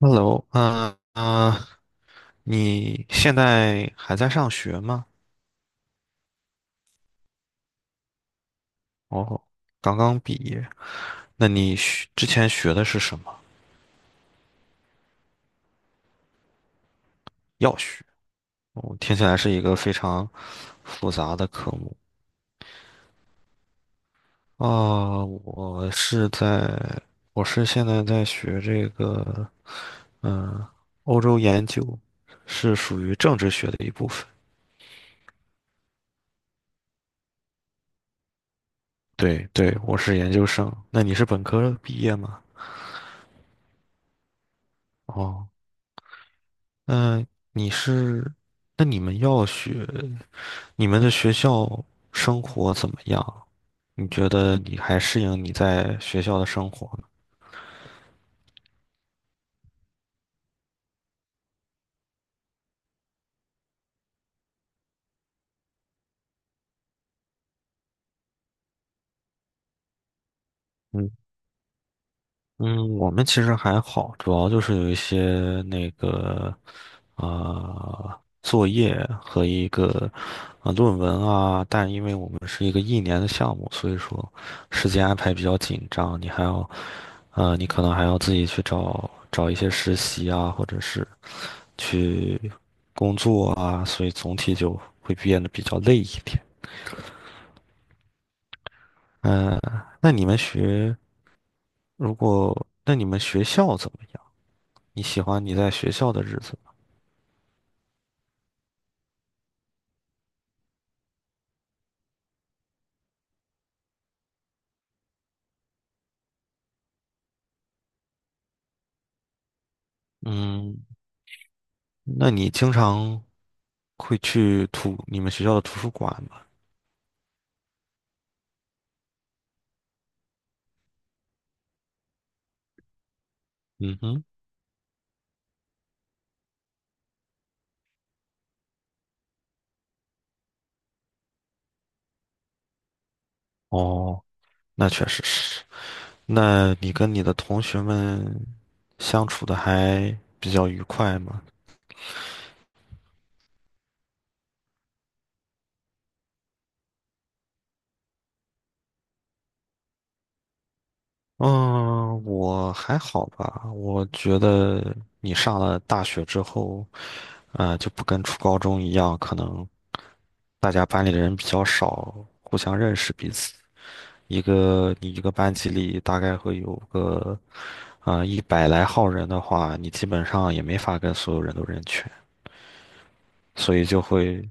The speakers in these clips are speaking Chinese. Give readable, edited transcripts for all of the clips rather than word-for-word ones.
Hello，你现在还在上学吗？哦，刚刚毕业。那你学之前学的是什么？药学。哦，听起来是一个非常复杂的科目。啊、我是在，我是现在在学这个，嗯、欧洲研究，是属于政治学的一部分。对对，我是研究生。那你是本科毕业吗？哦。嗯，你是，那你们要学，你们的学校生活怎么样？你觉得你还适应你在学校的生活吗？嗯，我们其实还好，主要就是有一些那个作业和一个论文啊，但因为我们是一个一年的项目，所以说时间安排比较紧张，你还要你可能还要自己去找找一些实习啊，或者是去啊，所以总体就会变得比较累一点。嗯、那你们学，如果那你们学校怎么样？你喜欢你在学校的日子吗？嗯，那你经常会去你们学校的图书馆吗？嗯哼，哦，那确实是。那你跟你的同学们相处的还比较愉快吗？嗯，我还好吧。我觉得你上了大学之后，就不跟初高中一样，可能大家班里的人比较少，互相认识彼此。你一个班级里大概会有个一百来号人的话，你基本上也没法跟所有人都认全，所以就会。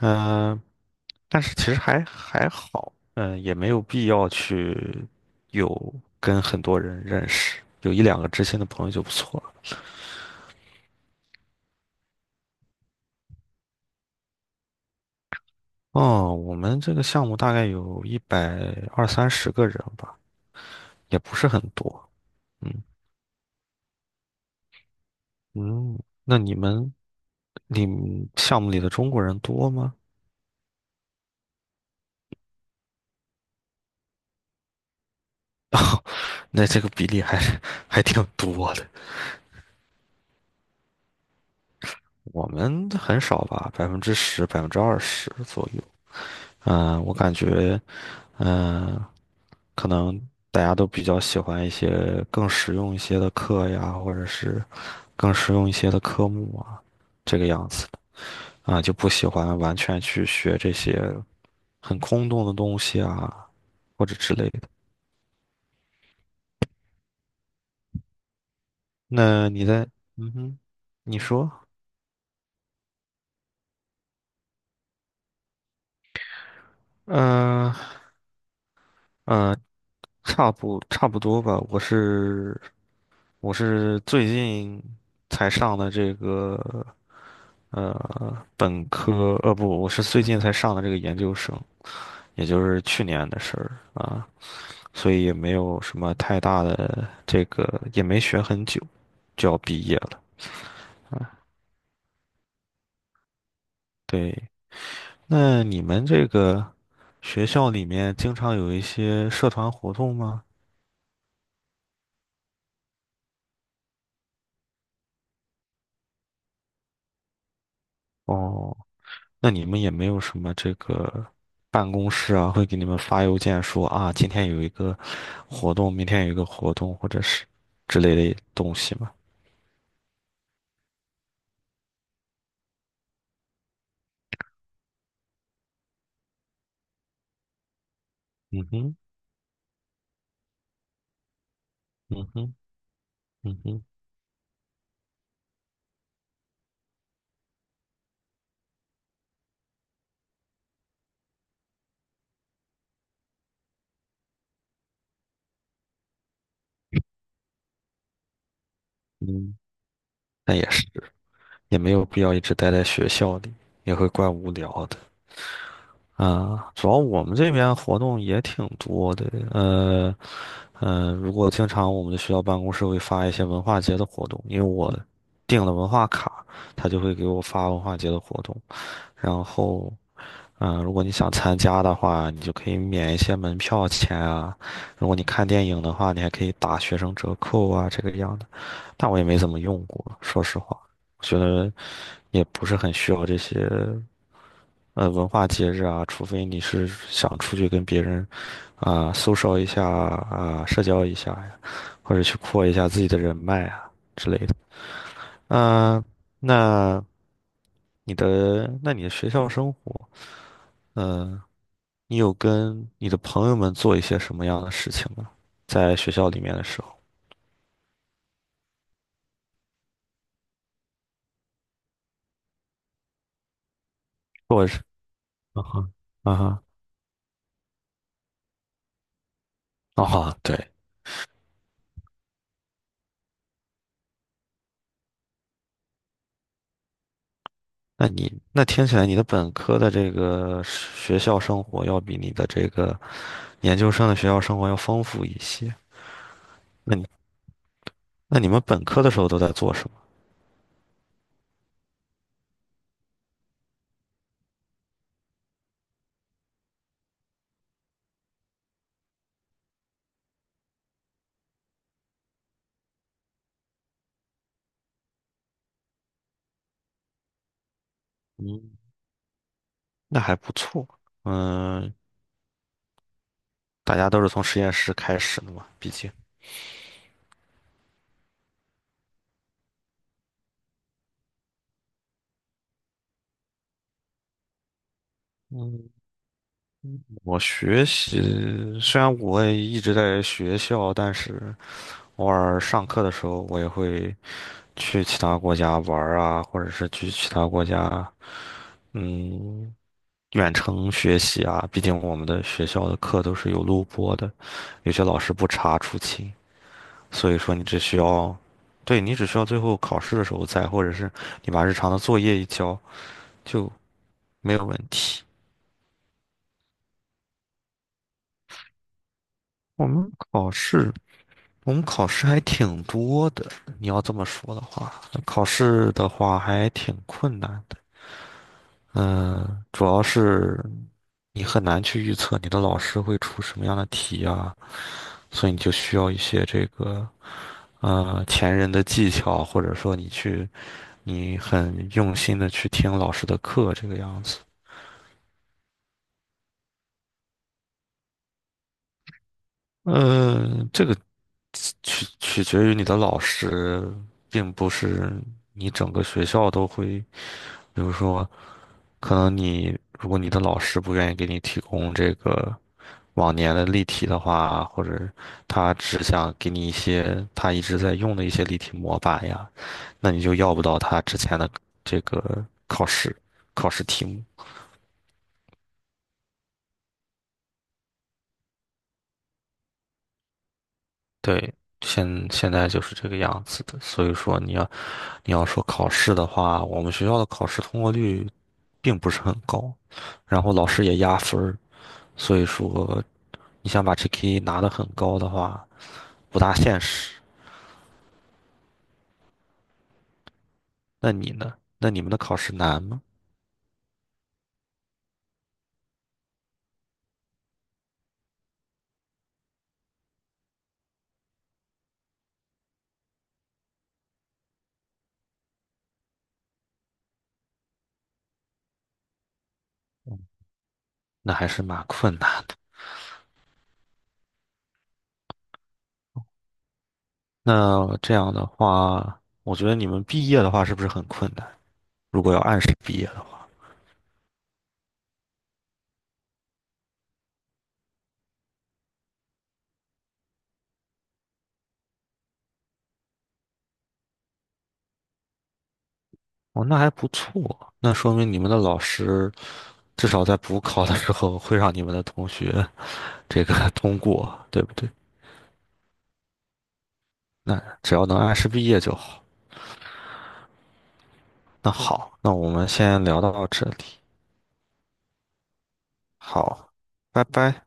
嗯、呃但是其实还好，也没有必要去有跟很多人认识，有一两个知心的朋友就不错了。哦，我们这个项目大概有一百二三十个人吧，也不是很多。嗯嗯，那你们项目里的中国人多吗？那这个比例还 还挺多的，我们很少吧，10%、20%左右。我感觉，嗯、可能大家都比较喜欢一些更实用一些的课呀，或者是更实用一些的科目啊，这个样子啊，就不喜欢完全去学这些很空洞的东西啊，或者之类的。那你在，嗯哼，你说，嗯、呃嗯、差不多吧。我是最近才上的这个本科，不，我是最近才上的这个研究生，也就是去年的事儿啊，所以也没有什么太大的这个，也没学很久，就要毕业了。对，那你们这个学校里面经常有一些社团活动吗？哦，那你们也没有什么这个办公室啊，会给你们发邮件说啊，今天有一个活动，明天有一个活动，或者是之类的东西吗？嗯哼，嗯哼，嗯哼，嗯，那也是，也没有必要一直待在学校里，也会怪无聊的。啊，主要我们这边活动也挺多的，呃，如果经常我们的学校办公室会发一些文化节的活动，因为我订了文化卡，他就会给我发文化节的活动，然后，如果你想参加的话，你就可以免一些门票钱啊，如果你看电影的话，你还可以打学生折扣啊，这个样的，但我也没怎么用过，说实话，我觉得也不是很需要这些文化节日啊，除非你是想出去跟别人啊、social 一下啊、社交一下呀，或者去扩一下自己的人脉啊之类的。啊、那那你的学校生活，嗯、你有跟你的朋友们做一些什么样的事情吗？在学校里面的时候，或者是啊哈啊哈啊哈，对，那听起来你的本科的这个学校生活要比你的这个研究生的学校生活要丰富一些。那你那你们本科的时候都在做什么？嗯，那还不错。嗯，大家都是从实验室开始的嘛，毕竟。嗯，我学习虽然我也一直在学校，但是偶尔上课的时候，我也会去其他国家玩儿啊，或者是去其他国家，嗯。远程学习啊，毕竟我们的学校的课都是有录播的，有些老师不查出勤，所以说你只需要，对，你只需要最后考试的时候在，或者是你把日常的作业一交，就没有问题。我们考试，我们考试还挺多的，你要这么说的话，考试的话还挺困难的。嗯，主要是你很难去预测你的老师会出什么样的题啊，所以你就需要一些这个。前人的技巧，或者说你很用心的去听老师的课这个样子。嗯，这个取决于你的老师，并不是你整个学校都会。比如说，可能你如果你的老师不愿意给你提供这个往年的例题的话，或者他只想给你一些他一直在用的一些例题模板呀，那你就要不到他之前的这个考试题目。对，现在就是这个样子的，所以说你要说考试的话，我们学校的考试通过率并不是很高，然后老师也压分儿，所以说你想把 GK 拿的很高的话，不大现实。那你呢？那你们的考试难吗？那还是蛮困难的。那这样的话，我觉得你们毕业的话是不是很困难？如果要按时毕业的话，哦，那还不错，那说明你们的老师。至少在补考的时候会让你们的同学 这个通过，对不对？那只要能按时毕业就好。那好，那我们先聊到这里，好，拜拜。